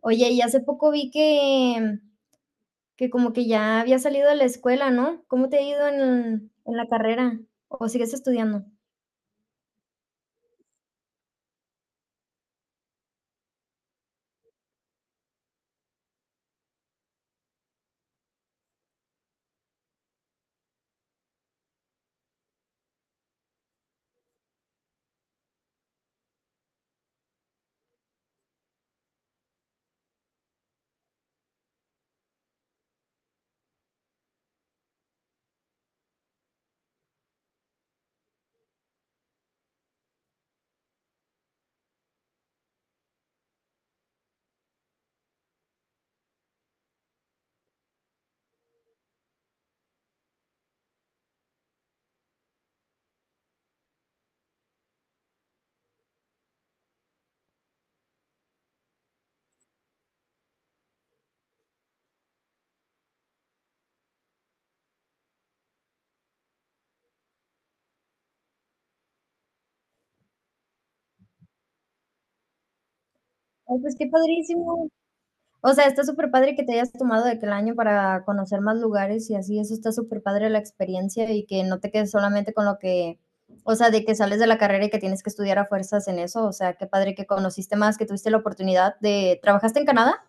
Oye, y hace poco vi que como que ya había salido de la escuela, ¿no? ¿Cómo te ha ido en la carrera? ¿O sigues estudiando? Ay, pues qué padrísimo. O sea, está súper padre que te hayas tomado de que el año para conocer más lugares y así, eso está súper padre la experiencia y que no te quedes solamente con lo que, o sea, de que sales de la carrera y que tienes que estudiar a fuerzas en eso. O sea, qué padre que conociste más, que tuviste la oportunidad de ¿trabajaste en Canadá?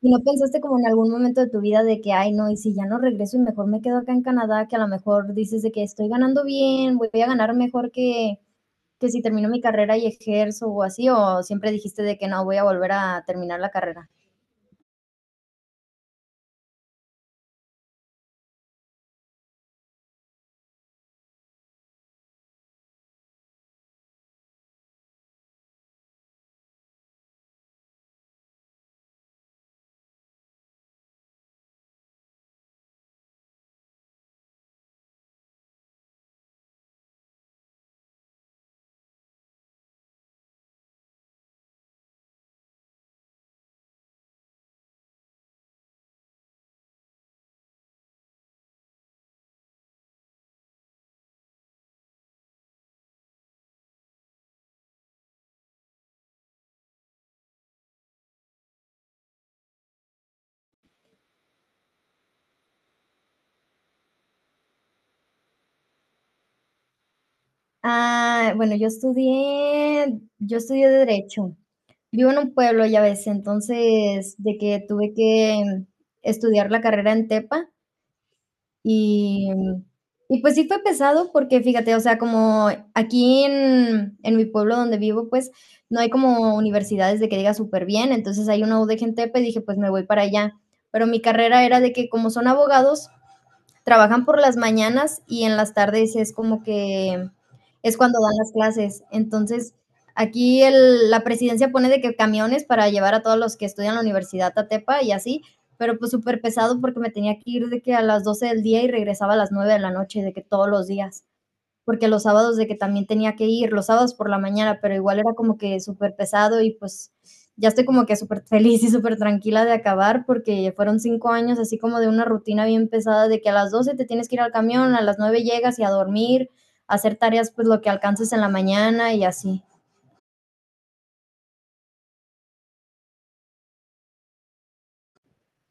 ¿Y no pensaste como en algún momento de tu vida de que ay, no, y si ya no regreso y mejor me quedo acá en Canadá, que a lo mejor dices de que estoy ganando bien, voy a ganar mejor que si termino mi carrera y ejerzo o así, o siempre dijiste de que no, voy a volver a terminar la carrera? Ah, bueno, yo estudié Derecho. Vivo en un pueblo, ya ves, entonces de que tuve que estudiar la carrera en Tepa. Y, y pues sí fue pesado porque fíjate, o sea, como aquí en mi pueblo donde vivo, pues no hay como universidades de que diga súper bien, entonces hay una UDGTP, dije, pues me voy para allá. Pero mi carrera era de que como son abogados, trabajan por las mañanas y en las tardes es como que es cuando dan las clases. Entonces, aquí el, la presidencia pone de que camiones para llevar a todos los que estudian en la universidad a Tepa y así, pero pues súper pesado porque me tenía que ir de que a las 12 del día y regresaba a las 9 de la noche, de que todos los días porque los sábados de que también tenía que ir, los sábados por la mañana, pero igual era como que súper pesado y pues ya estoy como que súper feliz y súper tranquila de acabar porque fueron 5 años así como de una rutina bien pesada de que a las 12 te tienes que ir al camión, a las 9 llegas y a dormir, a hacer tareas pues lo que alcances en la mañana y así.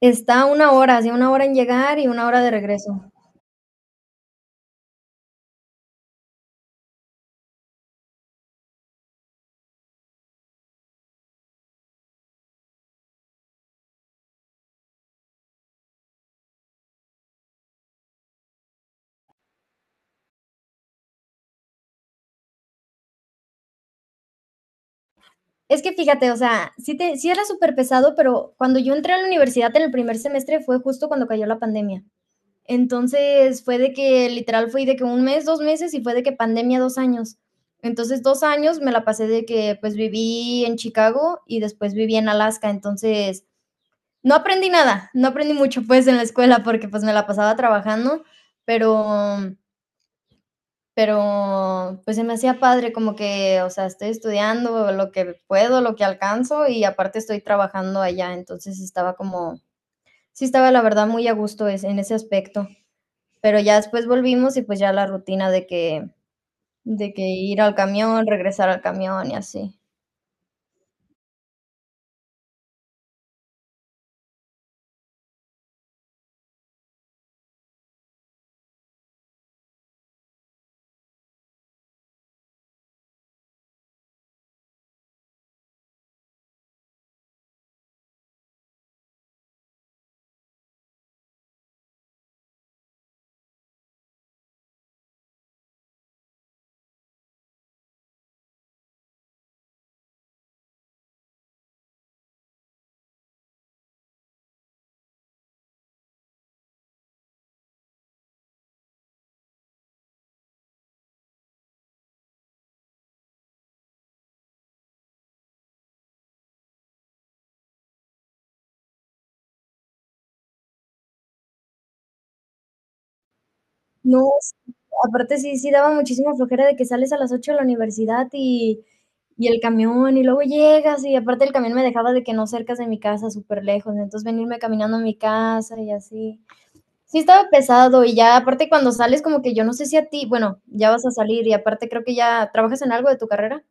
Está una hora, así una hora en llegar y una hora de regreso. Es que fíjate, o sea, sí, te, sí era súper pesado, pero cuando yo entré a la universidad en el primer semestre fue justo cuando cayó la pandemia. Entonces fue de que literal fui de que un mes, 2 meses y fue de que pandemia 2 años. Entonces 2 años me la pasé de que pues viví en Chicago y después viví en Alaska. Entonces no aprendí nada, no aprendí mucho pues en la escuela porque pues me la pasaba trabajando, pero pues se me hacía padre como que, o sea, estoy estudiando lo que puedo, lo que alcanzo y aparte estoy trabajando allá, entonces estaba como, sí estaba la verdad muy a gusto en ese aspecto. Pero ya después volvimos y pues ya la rutina de que ir al camión, regresar al camión y así. No, sí, aparte sí, sí daba muchísima flojera de que sales a las 8 de la universidad y el camión y luego llegas y aparte el camión me dejaba de que no cercas de mi casa, súper lejos, entonces venirme caminando a mi casa y así. Sí estaba pesado y ya aparte cuando sales como que yo no sé si a ti, bueno, ya vas a salir y aparte creo que ya trabajas en algo de tu carrera.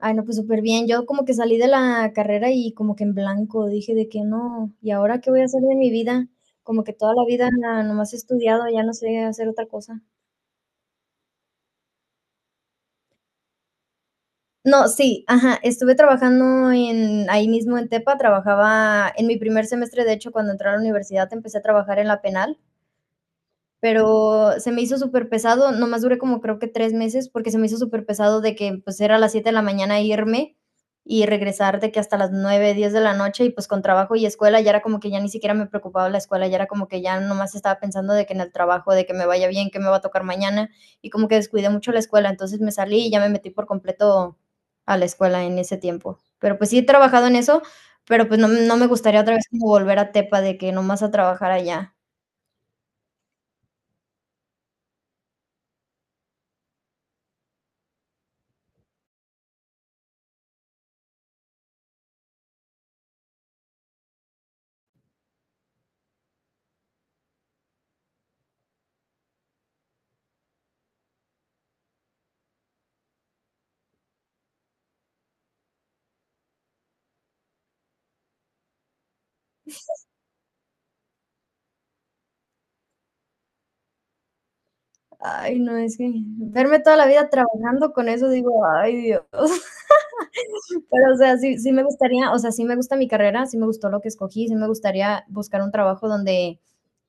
Ay, no, pues súper bien. Yo como que salí de la carrera y como que en blanco dije de que no, ¿y ahora qué voy a hacer de mi vida? Como que toda la vida nomás he estudiado, ya no sé hacer otra cosa. No, sí, ajá, estuve trabajando en ahí mismo en Tepa, trabajaba en mi primer semestre, de hecho, cuando entré a la universidad empecé a trabajar en la penal, pero se me hizo súper pesado, nomás duré como creo que 3 meses porque se me hizo súper pesado de que pues era a las 7 de la mañana irme y regresar de que hasta las 9 10 de la noche y pues con trabajo y escuela ya era como que ya ni siquiera me preocupaba la escuela, ya era como que ya nomás estaba pensando de que en el trabajo, de que me vaya bien, que me va a tocar mañana y como que descuidé mucho la escuela, entonces me salí y ya me metí por completo a la escuela en ese tiempo. Pero pues sí he trabajado en eso, pero pues no, no me gustaría otra vez como volver a Tepa de que nomás a trabajar allá. Ay, no, es que verme toda la vida trabajando con eso, digo: "Ay, Dios". Pero, o sea, sí sí me gustaría, o sea, sí me gusta mi carrera, sí me gustó lo que escogí, sí me gustaría buscar un trabajo donde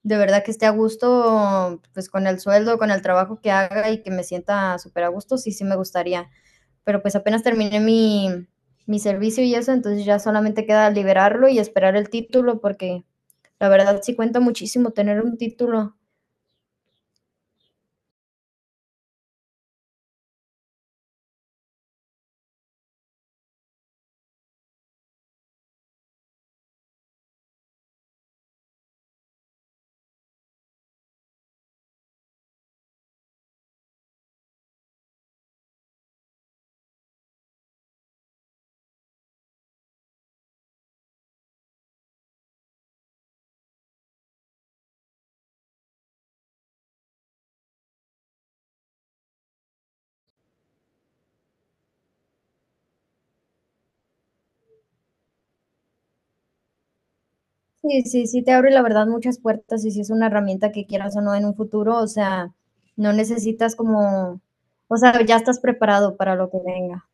de verdad que esté a gusto, pues, con el sueldo, con el trabajo que haga y que me sienta súper a gusto, sí, sí me gustaría. Pero, pues, apenas terminé mi servicio y eso, entonces ya solamente queda liberarlo y esperar el título, porque la verdad sí cuenta muchísimo tener un título. Sí, sí, sí, te abre la verdad muchas puertas y si es una herramienta que quieras o no en un futuro, o sea, no necesitas como, o sea, ya estás preparado para lo que venga.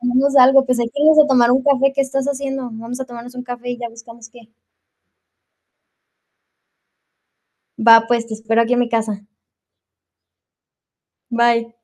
Tomamos algo, pues aquí vamos a tomar un café, ¿qué estás haciendo? Vamos a tomarnos un café y ya buscamos qué. Va, pues te espero aquí en mi casa. Bye.